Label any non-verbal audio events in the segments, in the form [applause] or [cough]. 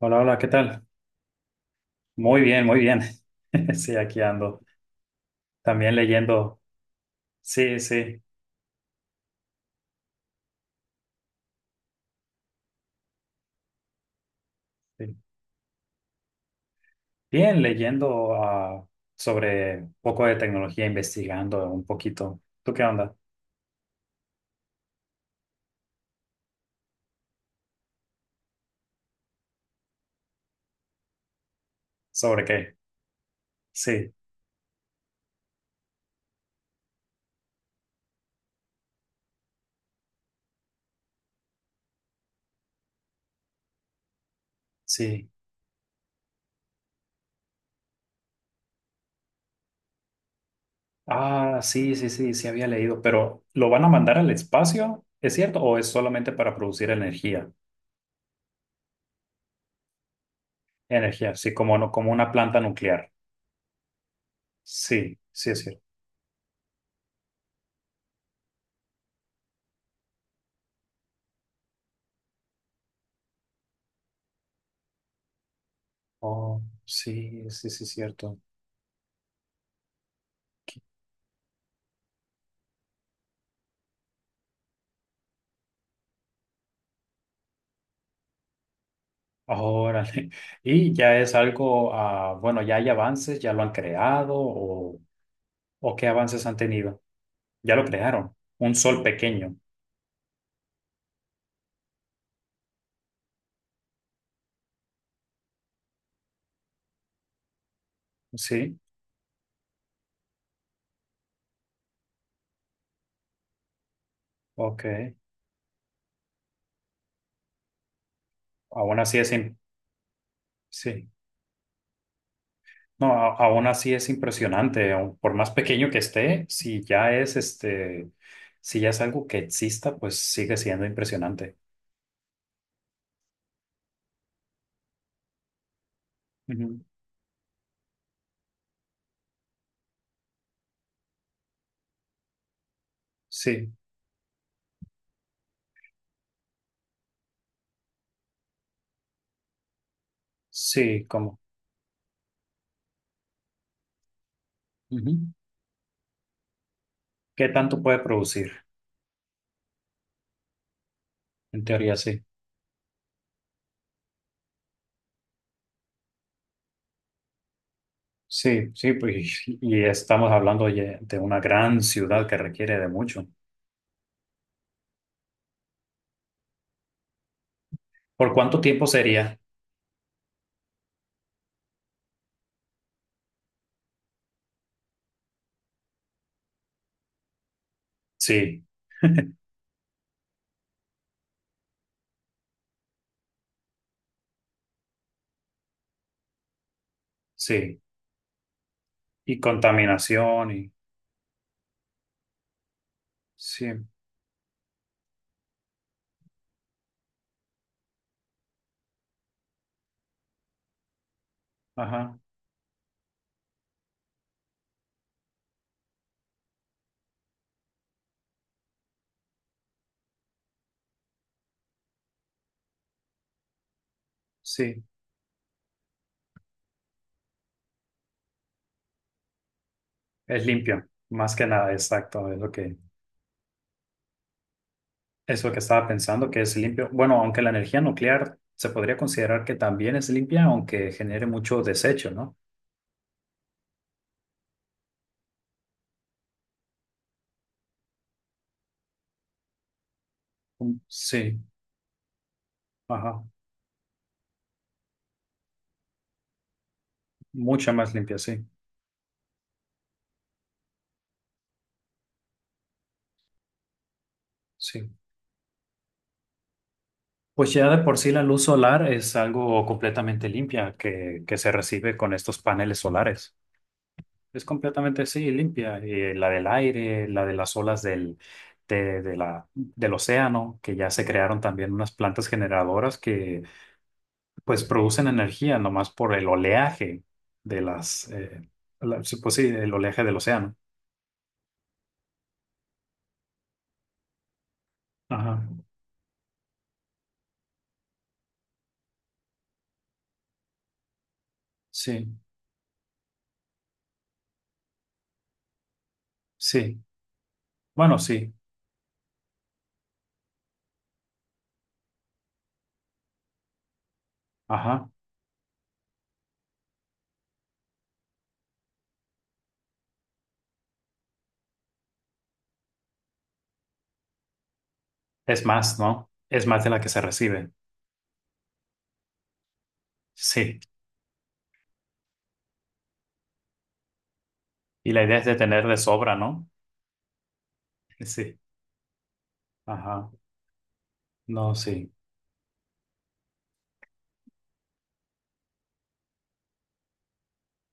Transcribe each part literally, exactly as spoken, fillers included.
Hola, hola, ¿qué tal? Muy bien, muy bien. [laughs] Sí, aquí ando. También leyendo, sí, sí, sí. Bien, leyendo ah, sobre un poco de tecnología, investigando un poquito. ¿Tú qué onda? ¿Sobre qué? Sí, sí. Ah, sí, sí, sí, sí había leído, pero ¿lo van a mandar al espacio? ¿Es cierto? ¿O es solamente para producir energía? Energía, sí, como, no, como una planta nuclear. Sí, sí, es cierto. Oh, sí, sí, sí, es cierto. Órale. Y ya es algo, ah, bueno, ya hay avances, ya lo han creado o, o qué avances han tenido. Ya lo crearon, un sol pequeño, ¿sí? Ok. Aún así es, im- sí. No, a- aún así es impresionante, aun por más pequeño que esté, si ya es este, si ya es algo que exista, pues sigue siendo impresionante. Ujú. Sí, sí, como, ujú. ¿Qué tanto puede producir? En teoría, sí. Sí, sí, pues, [laughs] y estamos hablando ye- de una gran ciudad que requiere de mucho. ¿Por cuánto tiempo sería? Sí, [laughs] sí. Y contaminación y sí, ajá, sí. Es limpio, más que nada, exacto, es lo que es lo que estaba pensando, que es limpio. Bueno, aunque la energía nuclear se podría considerar que también es limpia, aunque genere mucho desecho, ¿no? Mm, sí, ajá, mucha más limpia, sí, sí. Pues ya de por sí la luz solar es algo completamente limpia que, que se recibe con estos paneles solares. Es completamente, sí, limpia. Y la del aire, la de las olas del, de, de la, del océano, que ya se crearon también unas plantas generadoras que pues producen energía nomás por el oleaje de las, eh, la- sí, pues sí, el oleaje del océano. Ajá. Sí, sí. Bueno, sí. Ajá. Es más, ¿no? Es más de la que se recibe. Sí. Y la idea es de tener de sobra, ¿no? Sí. Ajá. No, sí.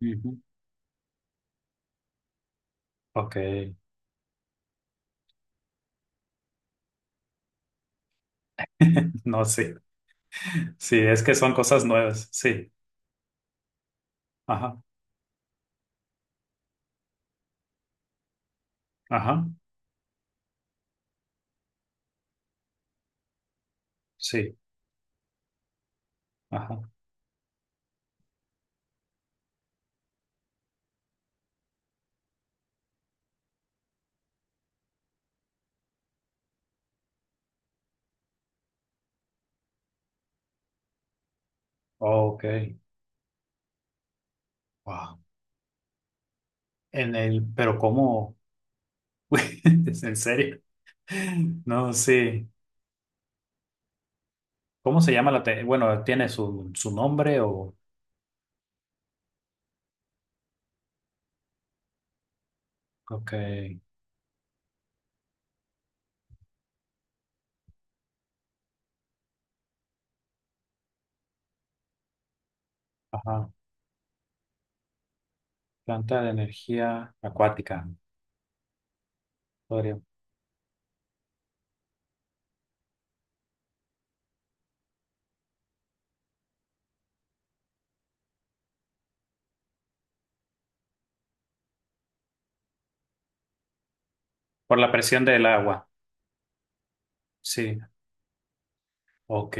Ujú. Ok. No, sí. Sí, es que son cosas nuevas. Sí. Ajá. Ajá. Sí. Ajá. Ok. Wow. En el, pero ¿cómo? [laughs] ¿Es en serio? No, sí. ¿Cómo se llama la te- Bueno, ¿tiene su, su nombre o...? Ok. Ajá. Planta de energía acuática. Podría- Por la presión del agua. Sí. Ok.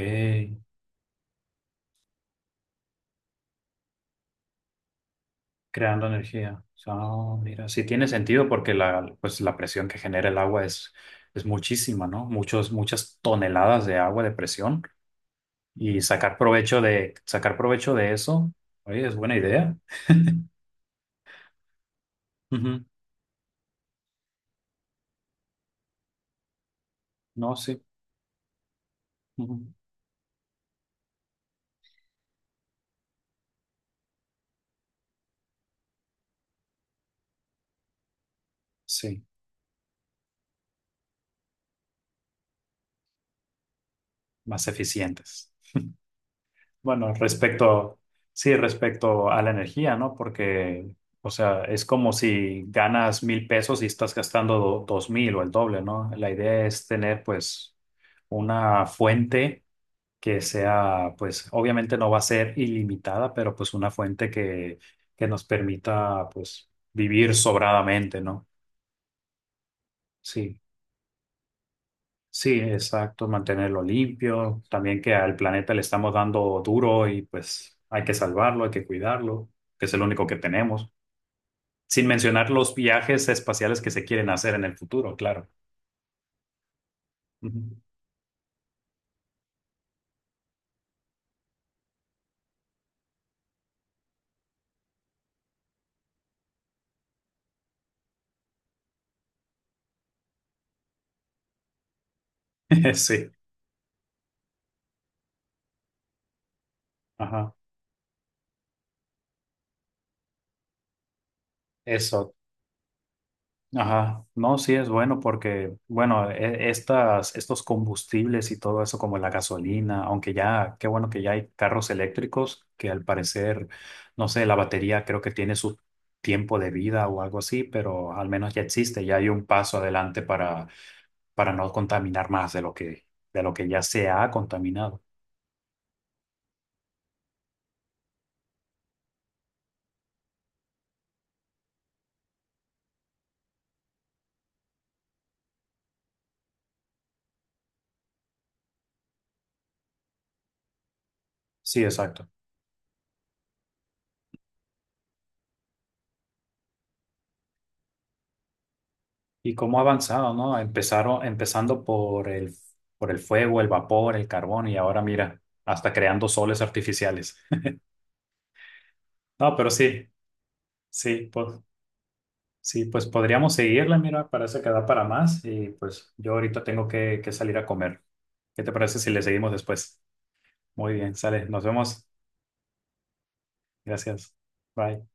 Creando energía. Ah, mira, sí tiene sentido porque la, pues, la presión que genera el agua es, es muchísima, ¿no? Muchos, muchas toneladas de agua de presión y sacar provecho de, sacar provecho de eso, oye, es buena idea. Ujú. No, sí, ujú. Sí, más eficientes. Bueno, respecto, sí, respecto a la energía, ¿no? Porque, o sea, es como si ganas mil pesos y estás gastando do- dos mil o el doble, ¿no? La idea es tener, pues, una fuente que sea, pues, obviamente no va a ser ilimitada, pero pues una fuente que, que nos permita, pues, vivir sobradamente, ¿no? Sí. Sí, exacto, mantenerlo limpio, también que al planeta le estamos dando duro y pues hay que salvarlo, hay que cuidarlo, que es el único que tenemos, sin mencionar los viajes espaciales que se quieren hacer en el futuro, claro. Ujú. [laughs] Sí, ajá. Eso, ajá, no, sí es bueno porque, bueno, e- estas, estos combustibles y todo eso como la gasolina, aunque ya, qué bueno que ya hay carros eléctricos que al parecer, no sé, la batería creo que tiene su tiempo de vida o algo así, pero al menos ya existe, ya hay un paso adelante para, para no contaminar más de lo que, de lo que ya se ha contaminado. Sí, exacto. Y cómo ha avanzado, ¿no? Empezaron, empezando por el, por el fuego, el vapor, el carbón y ahora mira, hasta creando soles artificiales. No, pero sí, sí, pues, sí, pues podríamos seguirla, mira, parece que da para más y pues yo ahorita tengo que, que salir a comer. ¿Qué te parece si le seguimos después? Muy bien, sale, nos vemos. Gracias. Bye.